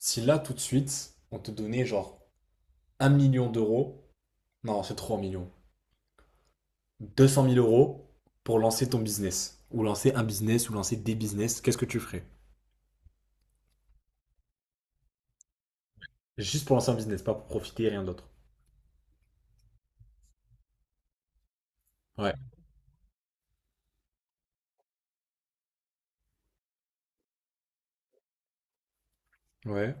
Si là, tout de suite, on te donnait genre 1 million d'euros, non, c'est 3 millions, 200 000 euros pour lancer ton business, ou lancer un business, ou lancer des business, qu'est-ce que tu ferais? Juste pour lancer un business, pas pour profiter, rien d'autre. Ouais, ouais,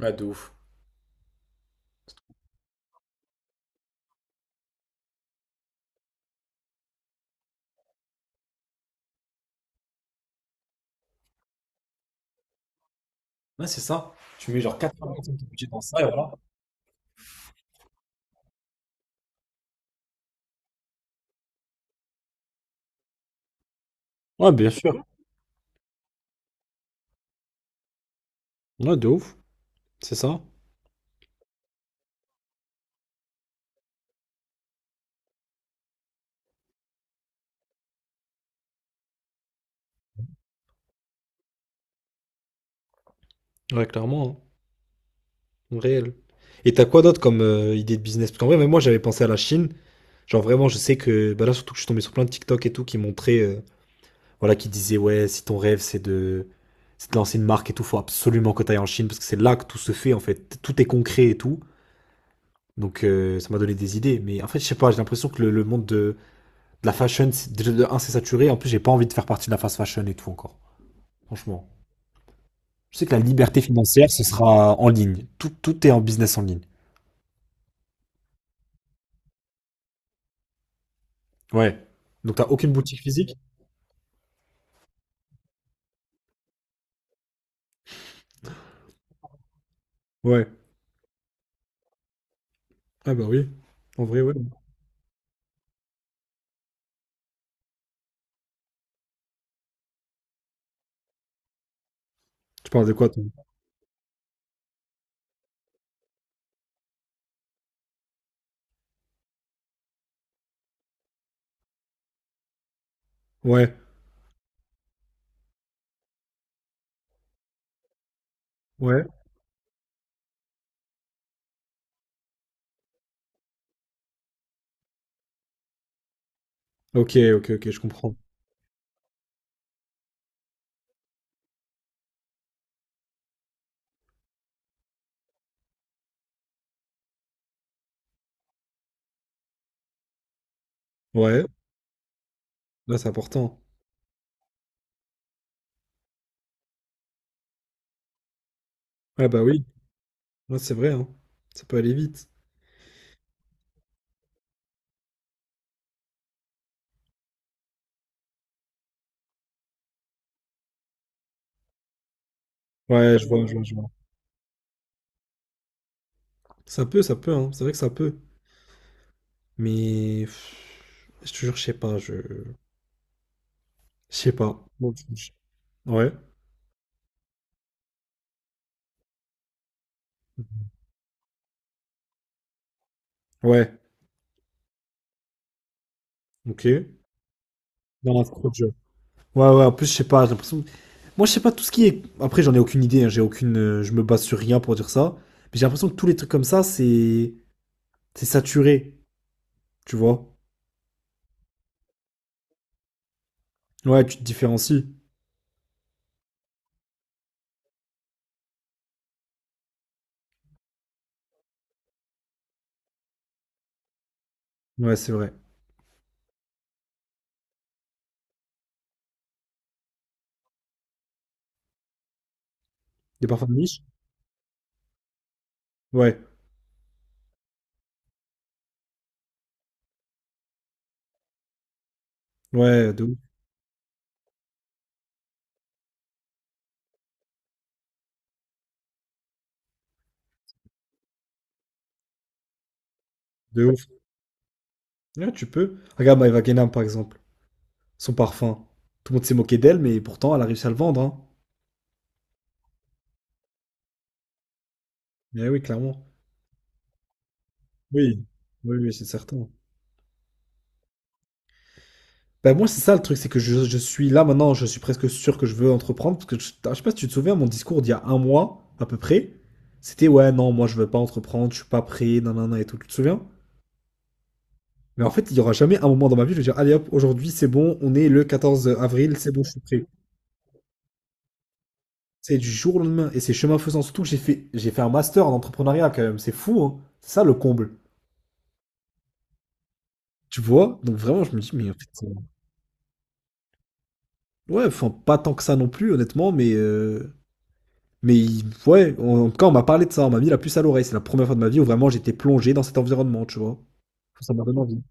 ouais, de ouf. Ouais, c'est ça. Tu mets genre 80% de ton budget dans ça, et voilà. Ouais, bien sûr. Ouais, de ouf. C'est ça. Ouais, clairement, hein. Réel. Et t'as quoi d'autre comme idée de business? Parce qu'en vrai, même moi, j'avais pensé à la Chine. Genre, vraiment, je sais que bah là, surtout que je suis tombé sur plein de TikTok et tout qui montraient voilà, qui disait ouais, si ton rêve c'est de lancer une marque et tout, faut absolument que t'ailles en Chine parce que c'est là que tout se fait en fait, tout est concret et tout. Donc, ça m'a donné des idées, mais en fait je sais pas, j'ai l'impression que le monde de la fashion, déjà de un c'est saturé, en plus j'ai pas envie de faire partie de la fast fashion et tout encore. Franchement, je sais que la liberté financière ce sera en ligne, tout est en business en ligne. Ouais. Donc t'as aucune boutique physique? Ouais. Ah bah oui. En vrai, ouais. Tu parles de quoi, toi? Ouais. Ouais. Ok, ok, ok, je comprends. Ouais. Là, c'est important. Ah bah oui. Ouais, c'est vrai, hein. Ça peut aller vite. Ouais, je vois, je vois, je vois. Ça peut, hein. C'est vrai que ça peut. Mais pff, je te jure, je sais pas, je. Je sais pas. Ouais, ouais, ok. Non, c'est trop de jeu. Ouais, ouais, en plus, je sais pas, j'ai l'impression. Moi, je sais pas tout ce qui est. Après, j'en ai aucune idée, hein, j'ai aucune. Je me base sur rien pour dire ça. Mais j'ai l'impression que tous les trucs comme ça, c'est. C'est saturé, tu vois. Ouais, tu te différencies. Ouais, c'est vrai. Des parfums de niche? Ouais, ouais, de ouf, de ouf. Ouais, tu peux. Regarde My Wagenham, par exemple, son parfum. Tout le monde s'est moqué d'elle, mais pourtant, elle a réussi à le vendre, hein. Mais oui, clairement. Oui, oui, oui, c'est certain. Ben moi, c'est ça le truc, c'est que je suis là maintenant, je suis presque sûr que je veux entreprendre. Parce que je sais pas si tu te souviens, mon discours d'il y a un mois, à peu près, c'était ouais, non, moi, je veux pas entreprendre, je suis pas prêt, nanana et tout. Tu te souviens? Mais en fait, il y aura jamais un moment dans ma vie où je vais dire, allez hop, aujourd'hui, c'est bon, on est le 14 avril, c'est bon, je suis prêt. C'est du jour au lendemain, et c'est chemin faisant. Surtout que j'ai fait un master en entrepreneuriat quand même, c'est fou, hein. C'est ça le comble. Tu vois? Donc vraiment, je me dis, mais en fait, ouais, enfin, pas tant que ça non plus, honnêtement, mais ouais, en tout cas, on m'a parlé de ça, on m'a mis la puce à l'oreille. C'est la première fois de ma vie où vraiment j'étais plongé dans cet environnement, tu vois. Enfin, ça m'a donné envie.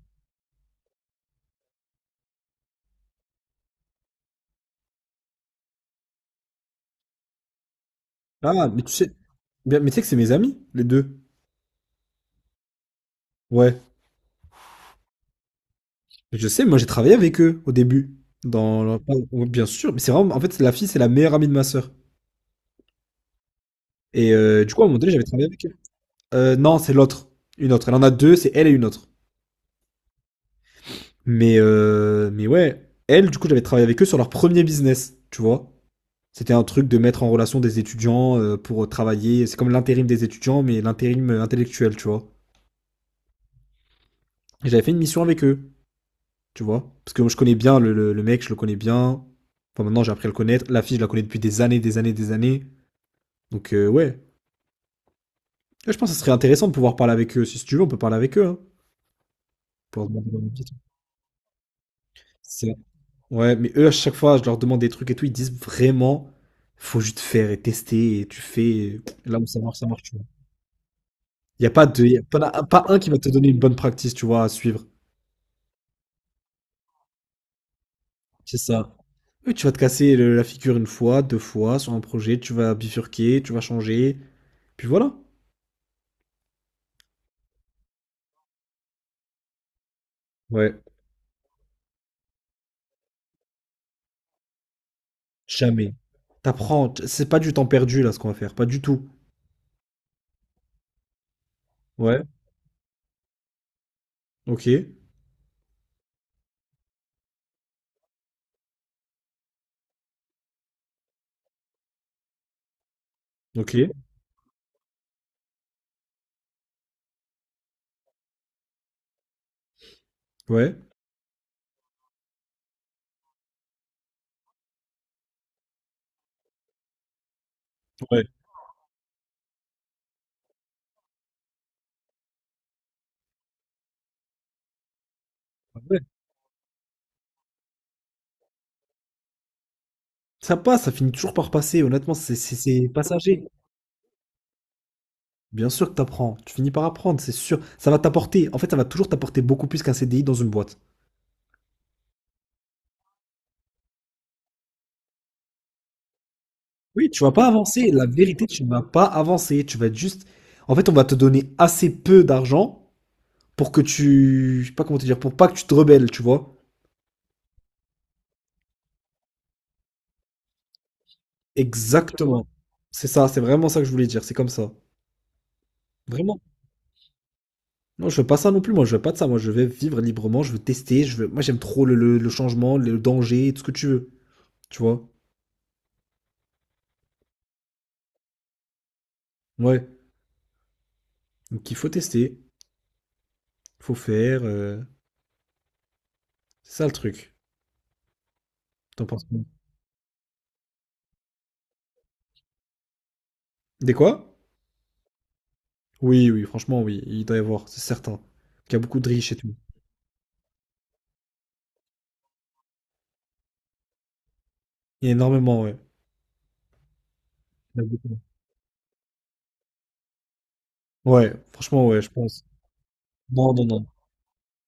Ah, mais tu sais, mais tu sais que c'est mes amis, les deux. Ouais. Je sais, moi j'ai travaillé avec eux au début. Ouais, bien sûr, mais c'est vraiment, en fait, c'est la fille, c'est la meilleure amie de ma sœur. Et du coup, à un moment donné, j'avais travaillé avec elle. Non, c'est l'autre. Une autre. Elle en a deux, c'est elle et une autre. Mais ouais, elle, du coup, j'avais travaillé avec eux sur leur premier business, tu vois. C'était un truc de mettre en relation des étudiants pour travailler. C'est comme l'intérim des étudiants, mais l'intérim intellectuel, tu vois. Et j'avais fait une mission avec eux, tu vois. Parce que moi, je connais bien le mec, je le connais bien. Enfin, maintenant, j'ai appris à le connaître. La fille, je la connais depuis des années, des années, des années. Donc, ouais. Ouais, je pense que ce serait intéressant de pouvoir parler avec eux. Si tu veux, on peut parler avec eux, hein. Pour C'est Ouais, mais eux, à chaque fois, je leur demande des trucs et tout, ils disent vraiment, faut juste faire et tester et tu fais et là où ça marche, tu vois. Il n'y a pas de, y a pas, pas un qui va te donner une bonne practice, tu vois, à suivre. C'est ça. Eux, tu vas te casser la figure une fois, deux fois sur un projet, tu vas bifurquer, tu vas changer, puis voilà. Ouais, jamais. T'apprends, c'est pas du temps perdu là ce qu'on va faire, pas du tout. Ouais, ok, ok, ouais, ouais. Ouais. Ça passe, ça finit toujours par passer, honnêtement, c'est passager. Bien sûr que t'apprends, tu finis par apprendre, c'est sûr. Ça va t'apporter, en fait, ça va toujours t'apporter beaucoup plus qu'un CDI dans une boîte. Oui, tu vas pas avancer, la vérité, tu vas pas avancer, tu vas être juste... En fait, on va te donner assez peu d'argent pour que tu... Je sais pas comment te dire, pour pas que tu te rebelles, tu vois. Exactement. C'est ça, c'est vraiment ça que je voulais dire, c'est comme ça. Vraiment. Non, je veux pas ça non plus, moi, je veux pas de ça, moi, je vais vivre librement, je veux tester, je veux... Moi, j'aime trop le changement, le danger, tout ce que tu veux, tu vois. Ouais. Donc, il faut tester, faut faire, c'est ça le truc. T'en penses quoi? Des quoi? Oui, oui, franchement, oui, il doit y avoir, c'est certain. Il y a beaucoup de riches et tout. Il y a énormément, ouais. Il y a beaucoup. Ouais, franchement, ouais, je pense. Non, non, non.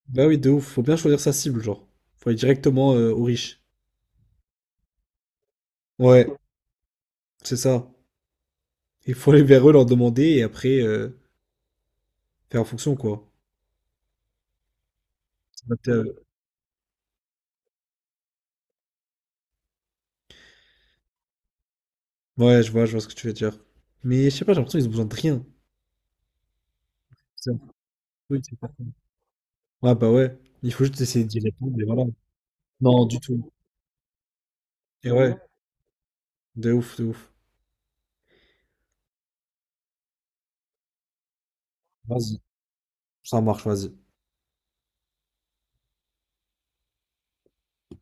Bah oui, de ouf, faut bien choisir sa cible, genre. Faut aller directement aux riches. Ouais, c'est ça. Il faut aller vers eux, leur demander et après faire en fonction, quoi. S'adapter à eux. Ouais, je vois ce que tu veux dire. Mais je sais pas, j'ai l'impression qu'ils ont besoin de rien. C'est un peu- oui, c'est certain. Ouais, bah ouais. Il faut juste essayer d'y répondre et voilà. Non, du tout. Et ouais, de ouf, de ouf. Vas-y, ça marche, vas-y.